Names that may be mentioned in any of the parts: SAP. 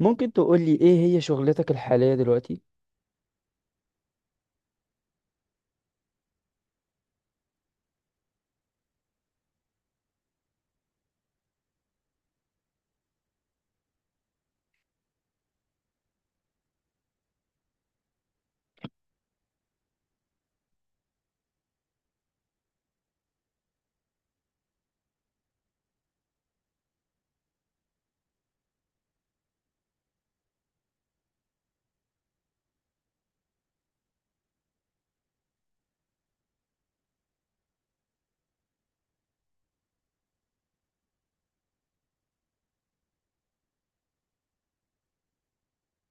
ممكن تقولي ايه هي شغلتك الحالية دلوقتي؟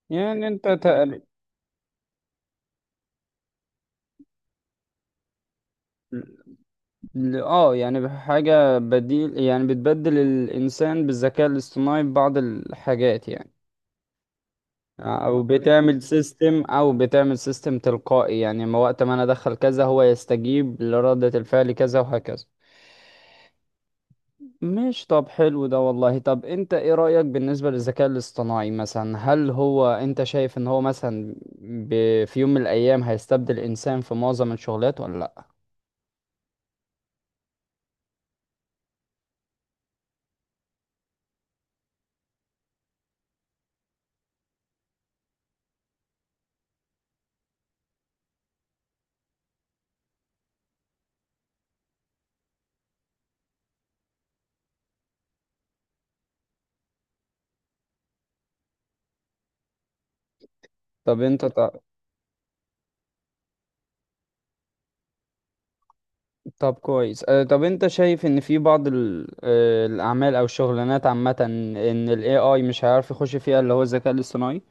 يعني انت تقريبا اه يعني حاجة بديل، يعني بتبدل الانسان بالذكاء الاصطناعي ببعض الحاجات يعني. او بتعمل سيستم، او بتعمل سيستم تلقائي، يعني ما وقت ما انا ادخل كذا هو يستجيب لردة الفعل كذا وهكذا. مش طب حلو ده والله. طب انت ايه رأيك بالنسبة للذكاء الاصطناعي مثلا؟ هل هو انت شايف ان هو مثلا في يوم من الايام هيستبدل الانسان في معظم الشغلات ولا لا؟ طب انت ط- طب كويس. طب انت شايف ان في بعض ال... آه، الاعمال او الشغلانات عامة ان ال AI مش هيعرف يخش فيها، اللي هو الذكاء الاصطناعي.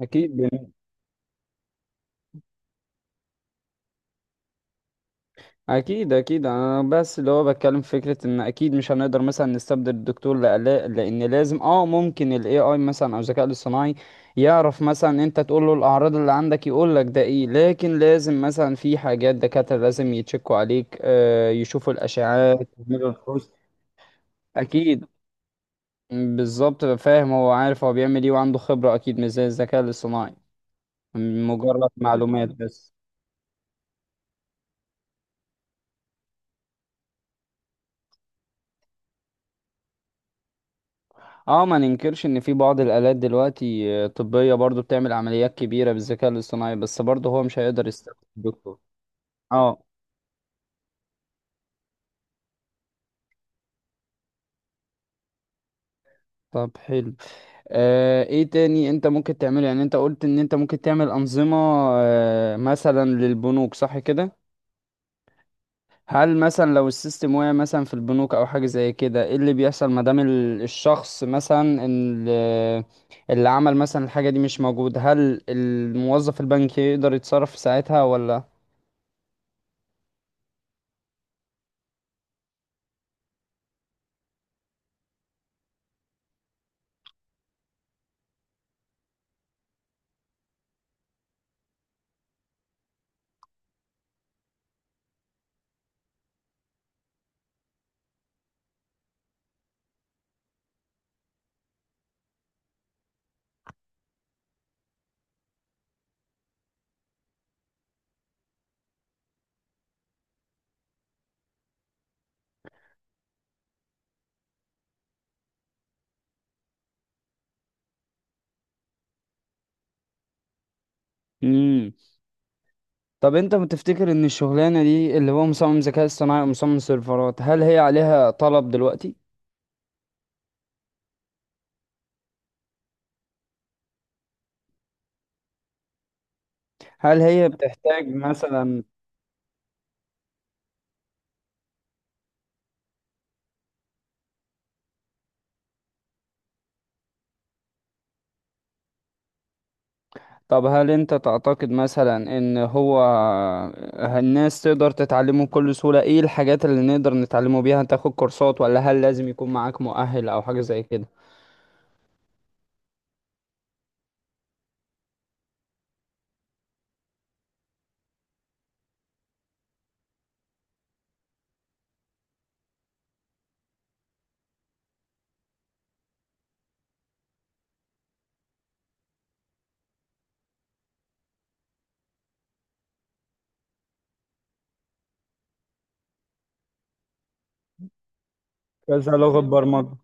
اكيد بن- اكيد اكيد، انا بس اللي هو بتكلم في فكرة ان اكيد مش هنقدر مثلا نستبدل الدكتور لان لازم، اه ممكن ال AI مثلا او الذكاء الاصطناعي يعرف مثلا، انت تقول له الاعراض اللي عندك يقول لك ده ايه، لكن لازم مثلا في حاجات دكاترة لازم يتشكوا عليك، يشوفوا الاشعاعات يعملوا الفحوص. اكيد. بالظبط، فاهم، هو عارف هو بيعمل ايه وعنده خبرة، اكيد مش زي الذكاء الاصطناعي مجرد معلومات بس. اه ما ننكرش ان في بعض الالات دلوقتي، طبية برضو، بتعمل عمليات كبيرة بالذكاء الاصطناعي، بس برضو هو مش هيقدر يستخدم الدكتور. اه. طب حلو. آه، ايه تاني انت ممكن تعمله؟ يعني انت قلت ان انت ممكن تعمل انظمة، آه مثلا للبنوك، صح كده؟ هل مثلا لو السيستم وقع مثلا في البنوك او حاجه زي كده، ايه اللي بيحصل؟ ما دام الشخص مثلا اللي عمل مثلا الحاجه دي مش موجود، هل الموظف البنكي يقدر يتصرف في ساعتها ولا؟ امم طب انت بتفتكر ان الشغلانه دي، اللي هو مصمم ذكاء اصطناعي ومصمم سيرفرات، هل هي عليها طلب دلوقتي؟ هل هي بتحتاج مثلا؟ طب هل انت تعتقد مثلا ان هو الناس تقدر تتعلمه بكل سهولة؟ ايه الحاجات اللي نقدر نتعلمه بيها؟ تاخد كورسات ولا هل لازم يكون معاك مؤهل او حاجة زي كده؟ كذا لغة برمجة؟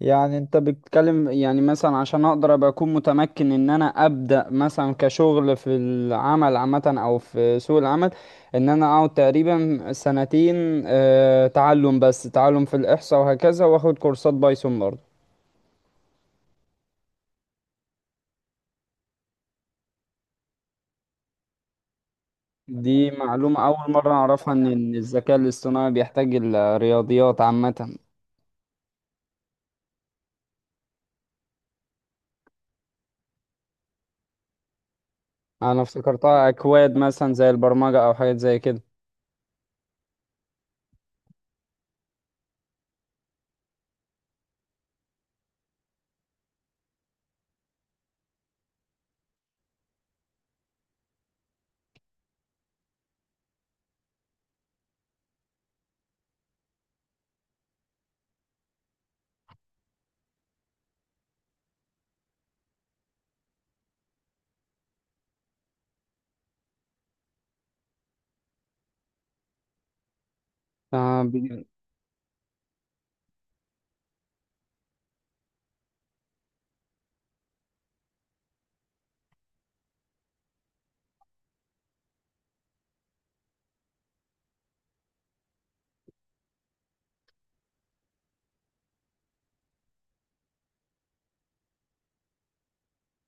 يعني انت بتتكلم، يعني مثلا عشان اقدر ابقى اكون متمكن ان انا ابدأ مثلا كشغل في العمل عامة او في سوق العمل، ان انا اقعد تقريبا سنتين، اه، تعلم، بس تعلم في الاحصاء وهكذا، واخد كورسات بايثون برضه؟ دي معلومة أول مرة أعرفها، إن الذكاء الاصطناعي بيحتاج الرياضيات عامة. أنا افتكرتها أكواد مثلا زي البرمجة أو حاجات زي كده. آه بي-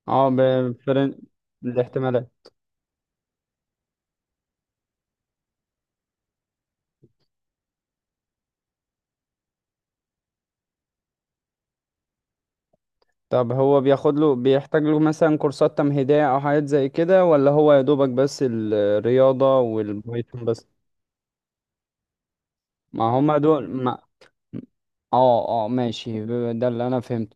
آه، بفرن الاحتمالات. طب هو بياخد له، بيحتاج له مثلا كورسات تمهيدية أو حاجات زي كده، ولا هو يا دوبك بس الرياضة والبايثون بس؟ ما هما دول ما. اه، اه، ماشي، ده اللي أنا فهمته.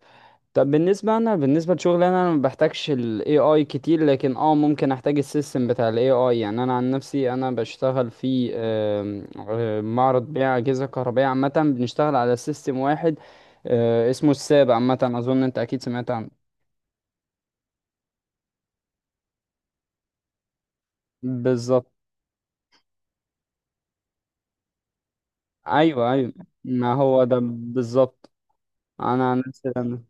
طب بالنسبة، أنا بالنسبة لشغلي أنا ما بحتاجش ال AI كتير، لكن اه ممكن أحتاج السيستم بتاع ال AI. يعني أنا عن نفسي، أنا بشتغل في آم، آه، معرض بيع أجهزة كهربائية عامة. بنشتغل على سيستم واحد، اسمه الساب عامة، أظن أنت أكيد سمعت عنه. بالظبط. أيوه، أيوه، ما هو ده بالظبط. أنا عن نفسي أنا.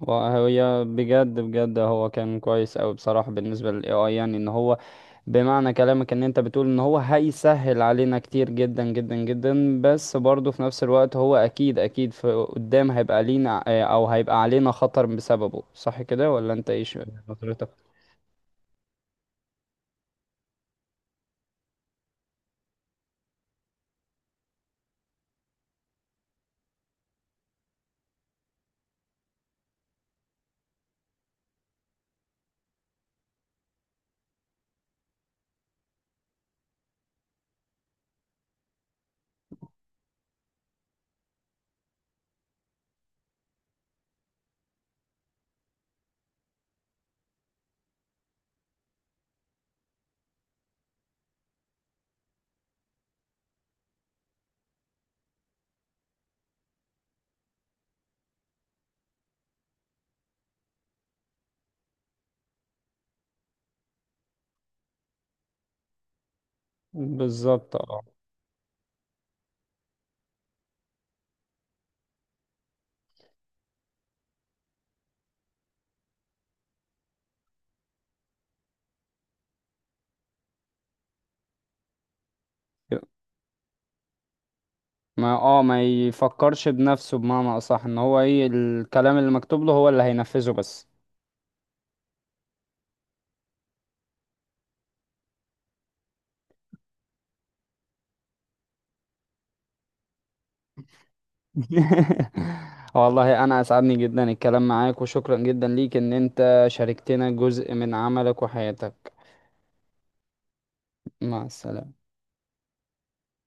وهي بجد بجد هو كان كويس أوي بصراحة بالنسبة لل AI، يعني إن هو، بمعنى كلامك ان انت بتقول ان هو هيسهل علينا كتير جدا جدا جدا، بس برضه في نفس الوقت هو اكيد اكيد في قدام هيبقى لينا، او هيبقى علينا خطر بسببه، صح كده ولا انت ايش؟ حضرتك. بالظبط. اه، ما يفكرش بنفسه، بمعنى اصح، ان هو ايه الكلام اللي مكتوب له هو اللي هينفذه بس. والله انا اسعدني جدا الكلام معاك، وشكرا جدا ليك ان انت شاركتنا جزء من عملك وحياتك. مع السلامة.